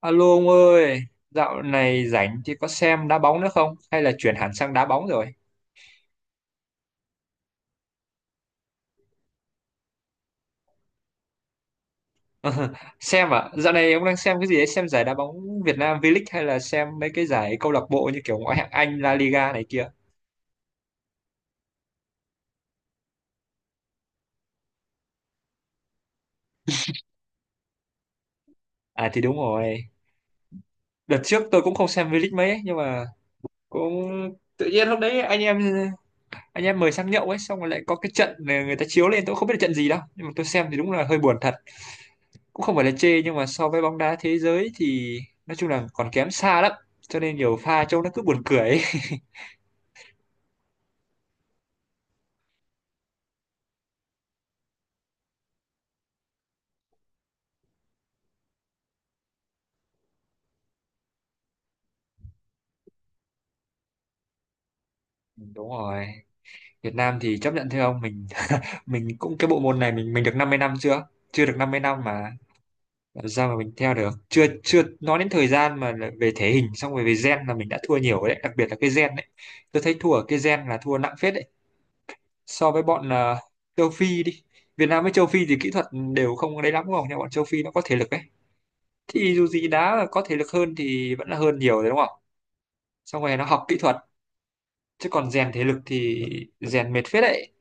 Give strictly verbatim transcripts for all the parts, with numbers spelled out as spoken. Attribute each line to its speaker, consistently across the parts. Speaker 1: Alo ông ơi, dạo này rảnh thì có xem đá bóng nữa không? Hay là chuyển hẳn sang đá bóng rồi? Xem à? Dạo này ông đang xem cái gì đấy? Xem giải đá bóng Việt Nam V-League hay là xem mấy cái giải câu lạc bộ như kiểu ngoại hạng Anh, La Liga này kia? À thì đúng rồi. Đợt trước tôi cũng không xem V-League mấy ấy, nhưng mà cũng tự nhiên lúc đấy anh em anh em mời sang nhậu ấy, xong rồi lại có cái trận này người ta chiếu lên, tôi không biết là trận gì đâu, nhưng mà tôi xem thì đúng là hơi buồn thật. Cũng không phải là chê nhưng mà so với bóng đá thế giới thì nói chung là còn kém xa lắm, cho nên nhiều pha trông nó cứ buồn cười ấy. Đúng rồi, Việt Nam thì chấp nhận theo ông mình. Mình cũng cái bộ môn này mình mình được năm mươi năm chưa, chưa được năm mươi năm mà làm sao mà mình theo được. Chưa chưa nói đến thời gian mà là về thể hình, xong rồi về gen là mình đã thua nhiều đấy, đặc biệt là cái gen đấy. Tôi thấy thua ở cái gen là thua nặng phết đấy, so với bọn ờ, châu Phi đi. Việt Nam với châu Phi thì kỹ thuật đều không đấy lắm đúng không, nhưng bọn châu Phi nó có thể lực đấy, thì dù gì đá có thể lực hơn thì vẫn là hơn nhiều đấy đúng không. Xong rồi nó học kỹ thuật, chứ còn rèn thể lực thì rèn mệt phết đấy,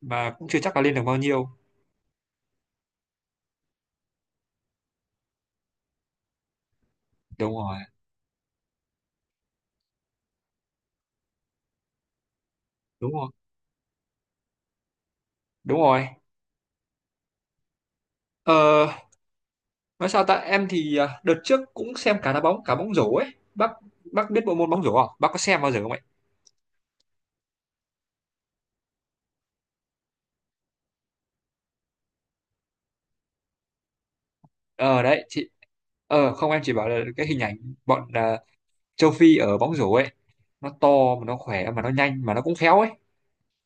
Speaker 1: mà cũng chưa chắc là lên được bao nhiêu. Đúng rồi, đúng rồi, đúng rồi. ờ, nói sao ta, em thì à, đợt trước cũng xem cả đá bóng cả bóng rổ ấy bác. Bác biết bộ môn bóng rổ không, bác có xem bao giờ không ấy? Ờ đấy chị, ờ không, em chỉ bảo là cái hình ảnh bọn à, châu Phi ở bóng rổ ấy, nó to mà nó khỏe mà nó nhanh mà nó cũng khéo ấy,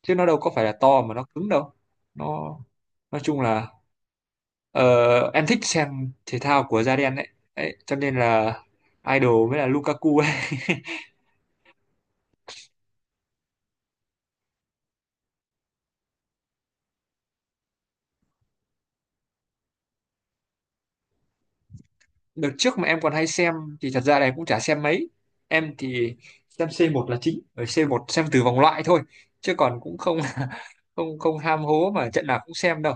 Speaker 1: chứ nó đâu có phải là to mà nó cứng đâu. Nó, nói chung là, Ờ, em thích xem thể thao của da đen đấy. Đấy, cho nên là idol mới là Lukaku ấy. Đợt trước mà em còn hay xem thì thật ra là em cũng chả xem mấy. Em thì xem C một là chính, ở C một xem từ vòng loại thôi, chứ còn cũng không không không ham hố mà trận nào cũng xem đâu.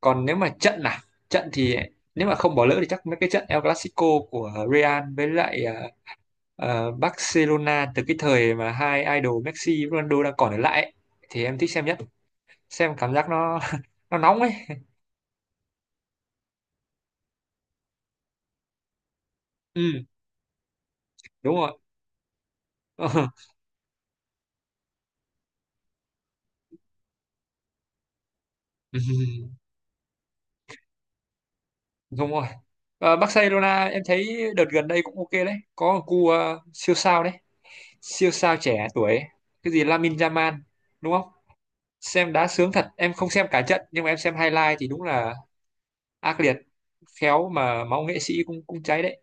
Speaker 1: Còn nếu mà trận nào, trận thì nếu mà không bỏ lỡ thì chắc mấy cái trận El Clasico của Real với lại ờ, ờ, Barcelona, từ cái thời mà hai idol Messi, Ronaldo đang còn ở lại ấy, thì em thích xem nhất. Xem cảm giác nó nó nóng ấy. Ừ, đúng rồi. Ờ, ừ, đúng rồi. Ờ, Barcelona em thấy đợt gần đây cũng ok đấy, có một cu ờ, siêu sao đấy, siêu sao trẻ tuổi ấy. Cái gì Lamine Yamal đúng không? Xem đá sướng thật, em không xem cả trận nhưng mà em xem highlight thì đúng là ác liệt, khéo mà máu nghệ sĩ cũng cũng cháy đấy.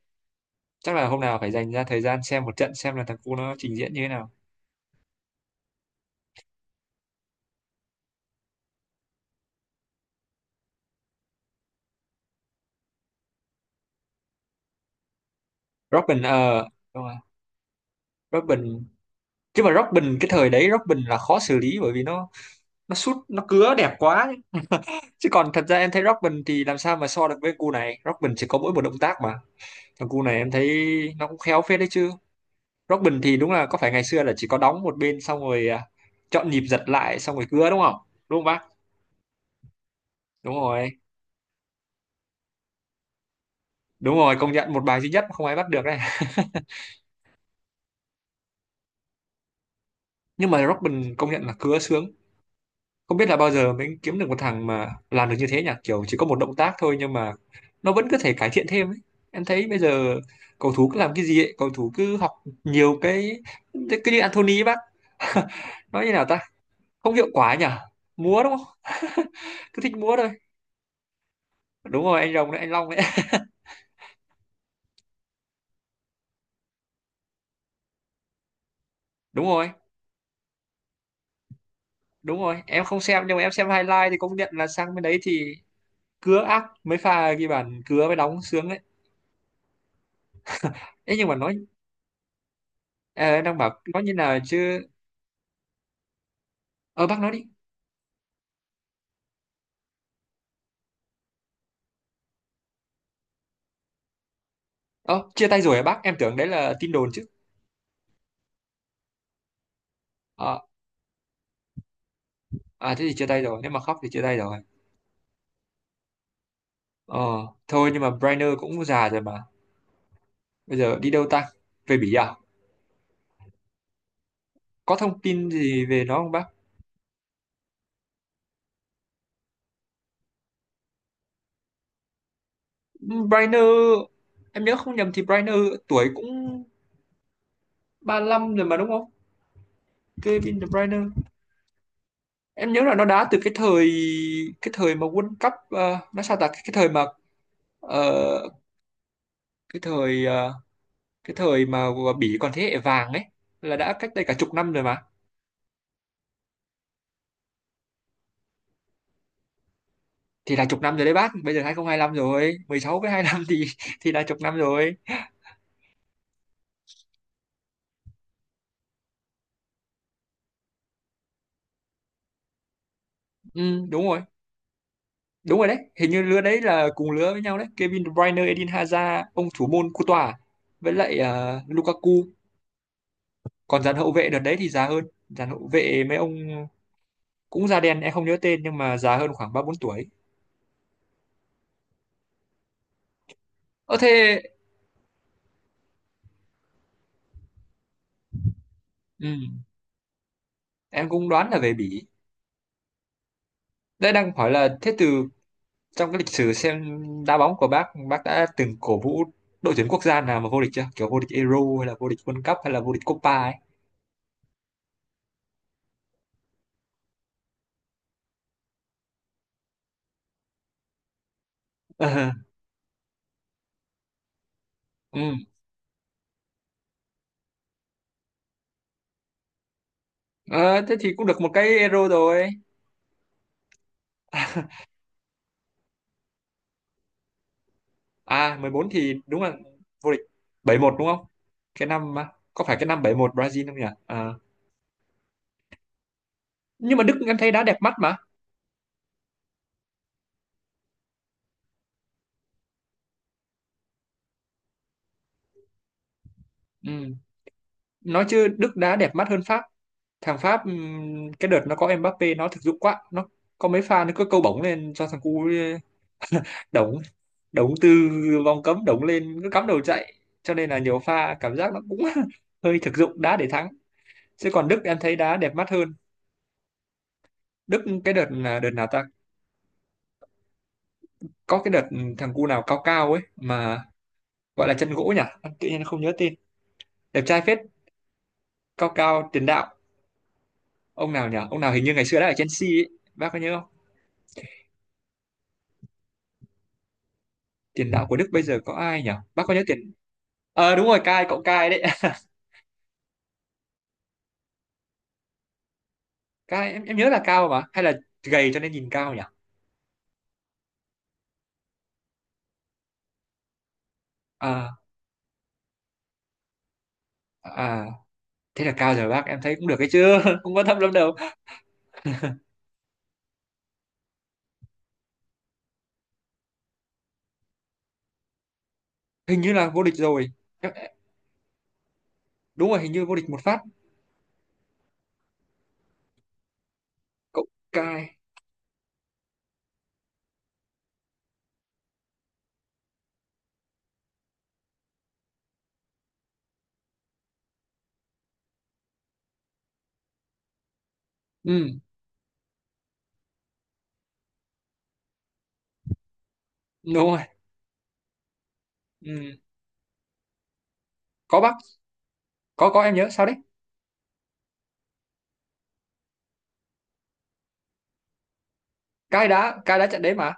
Speaker 1: Chắc là hôm nào phải dành ra thời gian xem một trận xem là thằng cu nó trình diễn như thế nào. Robin ờ, đúng rồi, Robin. Chứ mà Robin cái thời đấy Robin là khó xử lý bởi vì nó nó sút nó cứa đẹp quá chứ. Chứ còn thật ra em thấy Robin thì làm sao mà so được với cu này, Robin chỉ có mỗi một động tác mà, còn cu này em thấy nó cũng khéo phết đấy chứ. Robin thì đúng là có phải ngày xưa là chỉ có đóng một bên, xong rồi à, chọn nhịp giật lại xong rồi cứa đúng không, đúng không bác? Đúng rồi, đúng rồi, công nhận một bài duy nhất mà không ai bắt được đây. Nhưng mà Robin công nhận là cứa sướng. Không biết là bao giờ mình kiếm được một thằng mà làm được như thế nhỉ, kiểu chỉ có một động tác thôi nhưng mà nó vẫn có thể cải thiện thêm ấy. Em thấy bây giờ cầu thủ cứ làm cái gì ấy, cầu thủ cứ học nhiều cái, cứ như Anthony ấy bác. Nói như nào ta, không hiệu quả nhỉ, múa đúng không, cứ thích múa thôi. Đúng rồi, anh Rồng đấy, anh Long đấy. Đúng rồi, đúng rồi, em không xem nhưng mà em xem highlight thì công nhận là sang bên đấy thì cứa ác, mấy pha ghi bàn cứa mới đóng sướng đấy. Ê, nhưng mà nói, à, em đang bảo nói như nào chứ. Ờ bác nói đi. Ờ chia tay rồi à bác, em tưởng đấy là tin đồn chứ. À, à thế thì chia tay rồi, nếu mà khóc thì chia tay rồi. Ờ, thôi nhưng mà Brainer cũng già rồi mà, bây giờ đi đâu ta, về Bỉ à? Có thông tin gì về nó không bác? Brainer, em nhớ không nhầm thì Brainer tuổi cũng ba lăm rồi mà, đúng không? Kevin De Bruyne, em nhớ là nó đá từ cái thời, cái thời mà World Cup ờ, nó sao ta, cái, cái thời mà ờ, cái thời ờ, cái thời mà Bỉ còn thế hệ vàng ấy, là đã cách đây cả chục năm rồi mà. Thì là chục năm rồi đấy bác, bây giờ hai không hai lăm rồi, mười sáu với hai lăm thì thì là chục năm rồi. Ừ, đúng rồi. Đúng rồi đấy, hình như lứa đấy là cùng lứa với nhau đấy, Kevin De Bruyne, Eden Hazard, ông thủ môn Courtois với lại ờ, Lukaku. Còn dàn hậu vệ đợt đấy thì già hơn, dàn hậu vệ mấy ông cũng da đen em không nhớ tên, nhưng mà già hơn khoảng ba bốn tuổi. Ờ thế. Ừ, em cũng đoán là về Bỉ. Đây đang hỏi là thế từ trong cái lịch sử xem đá bóng của bác bác đã từng cổ vũ đội tuyển quốc gia nào mà vô địch chưa, kiểu vô địch Euro hay là vô địch World Cup hay là vô địch Copa ấy? Ờ, ừ. Ờ, thế thì cũng được một cái Euro rồi. À mười bốn thì đúng là vô địch. bảy mốt đúng không, cái năm mà, có phải cái năm bảy mốt Brazil không nhỉ? Ờ. Nhưng mà Đức em thấy đá đẹp mắt mà. Ừ. Nói chứ Đức đá đẹp mắt hơn Pháp. Thằng Pháp ừm, cái đợt nó có Mbappé nó thực dụng quá, nó có mấy pha nó cứ câu bóng lên cho thằng cu đống, đống từ vòng cấm đống lên cứ cắm đầu chạy, cho nên là nhiều pha cảm giác nó cũng hơi thực dụng, đá để thắng. Chứ còn Đức em thấy đá đẹp mắt hơn. Đức cái đợt là đợt nào ta, có cái đợt thằng cu nào cao cao ấy mà, gọi là chân gỗ nhỉ. Em tự nhiên không nhớ tên, đẹp trai phết, cao cao, tiền đạo, ông nào nhỉ, ông nào hình như ngày xưa đã ở Chelsea ấy. Bác có nhớ không? Tiền đạo của Đức bây giờ có ai nhỉ, bác có nhớ tiền, ờ đúng rồi, Kai, cậu Kai đấy. Kai em, em nhớ là cao, mà hay là gầy cho nên nhìn cao nhỉ. À, à thế là cao rồi bác, em thấy cũng được, cái chưa không quan tâm lắm đâu. Hình như là vô địch rồi. Em, đúng rồi hình như vô địch một phát. Cậu Cai. Ừ, đúng rồi. Ừ. Có bác, có có em nhớ sao đấy. Cai đã, Cai đã trận đấy mà.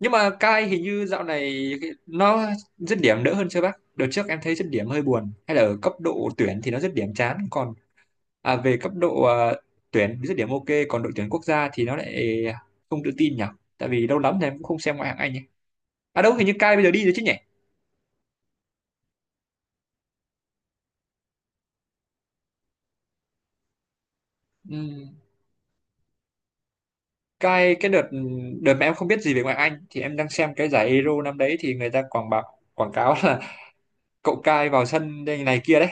Speaker 1: Nhưng mà Cai hình như dạo này cái, nó dứt điểm đỡ hơn chưa bác, đợt trước em thấy dứt điểm hơi buồn, hay là ở cấp độ tuyển thì nó dứt điểm chán còn à, về cấp độ à, tuyển dứt điểm ok, còn đội tuyển quốc gia thì nó lại không tự tin nhỉ. Tại vì lâu lắm rồi em cũng không xem ngoại hạng Anh nhỉ. À đâu, hình như Cai bây giờ đi rồi chứ nhỉ. Ừ. cái cái đợt, đợt mà em không biết gì về ngoại Anh thì em đang xem cái giải Euro năm đấy, thì người ta quảng bảo quảng cáo là cậu Cai vào sân đây này kia đấy,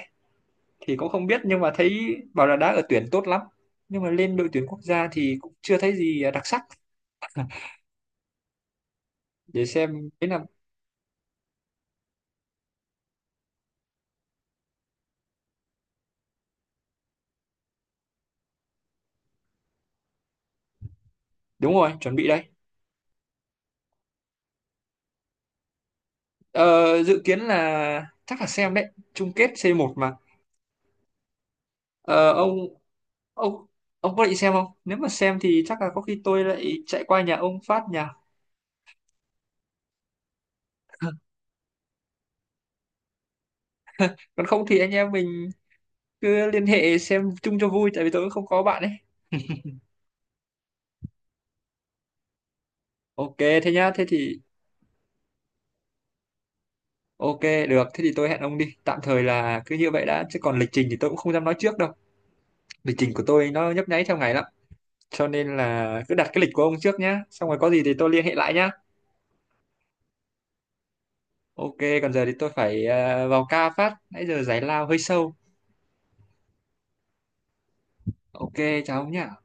Speaker 1: thì cũng không biết, nhưng mà thấy bảo là đá ở tuyển tốt lắm, nhưng mà lên đội tuyển quốc gia thì cũng chưa thấy gì đặc sắc. Để xem thế là. Đúng rồi, chuẩn bị đây. Ờ, dự kiến là chắc là xem đấy, chung kết C một mà. Ờ, ông, ông ông có định xem không, nếu mà xem thì chắc là có khi tôi lại chạy qua nhà ông phát, nhà. Còn không thì anh em mình cứ liên hệ xem chung cho vui, tại vì tôi cũng không có bạn ấy. Ok, thế nhá, thế thì ok. Được, thế thì tôi hẹn ông đi, tạm thời là cứ như vậy đã, chứ còn lịch trình thì tôi cũng không dám nói trước đâu, lịch trình của tôi nó nhấp nháy theo ngày lắm, cho nên là cứ đặt cái lịch của ông trước nhá, xong rồi có gì thì tôi liên hệ lại nhá. Ok. Còn giờ thì tôi phải ờ, vào ca phát, nãy giờ giải lao hơi sâu. Ok, chào ông nhá.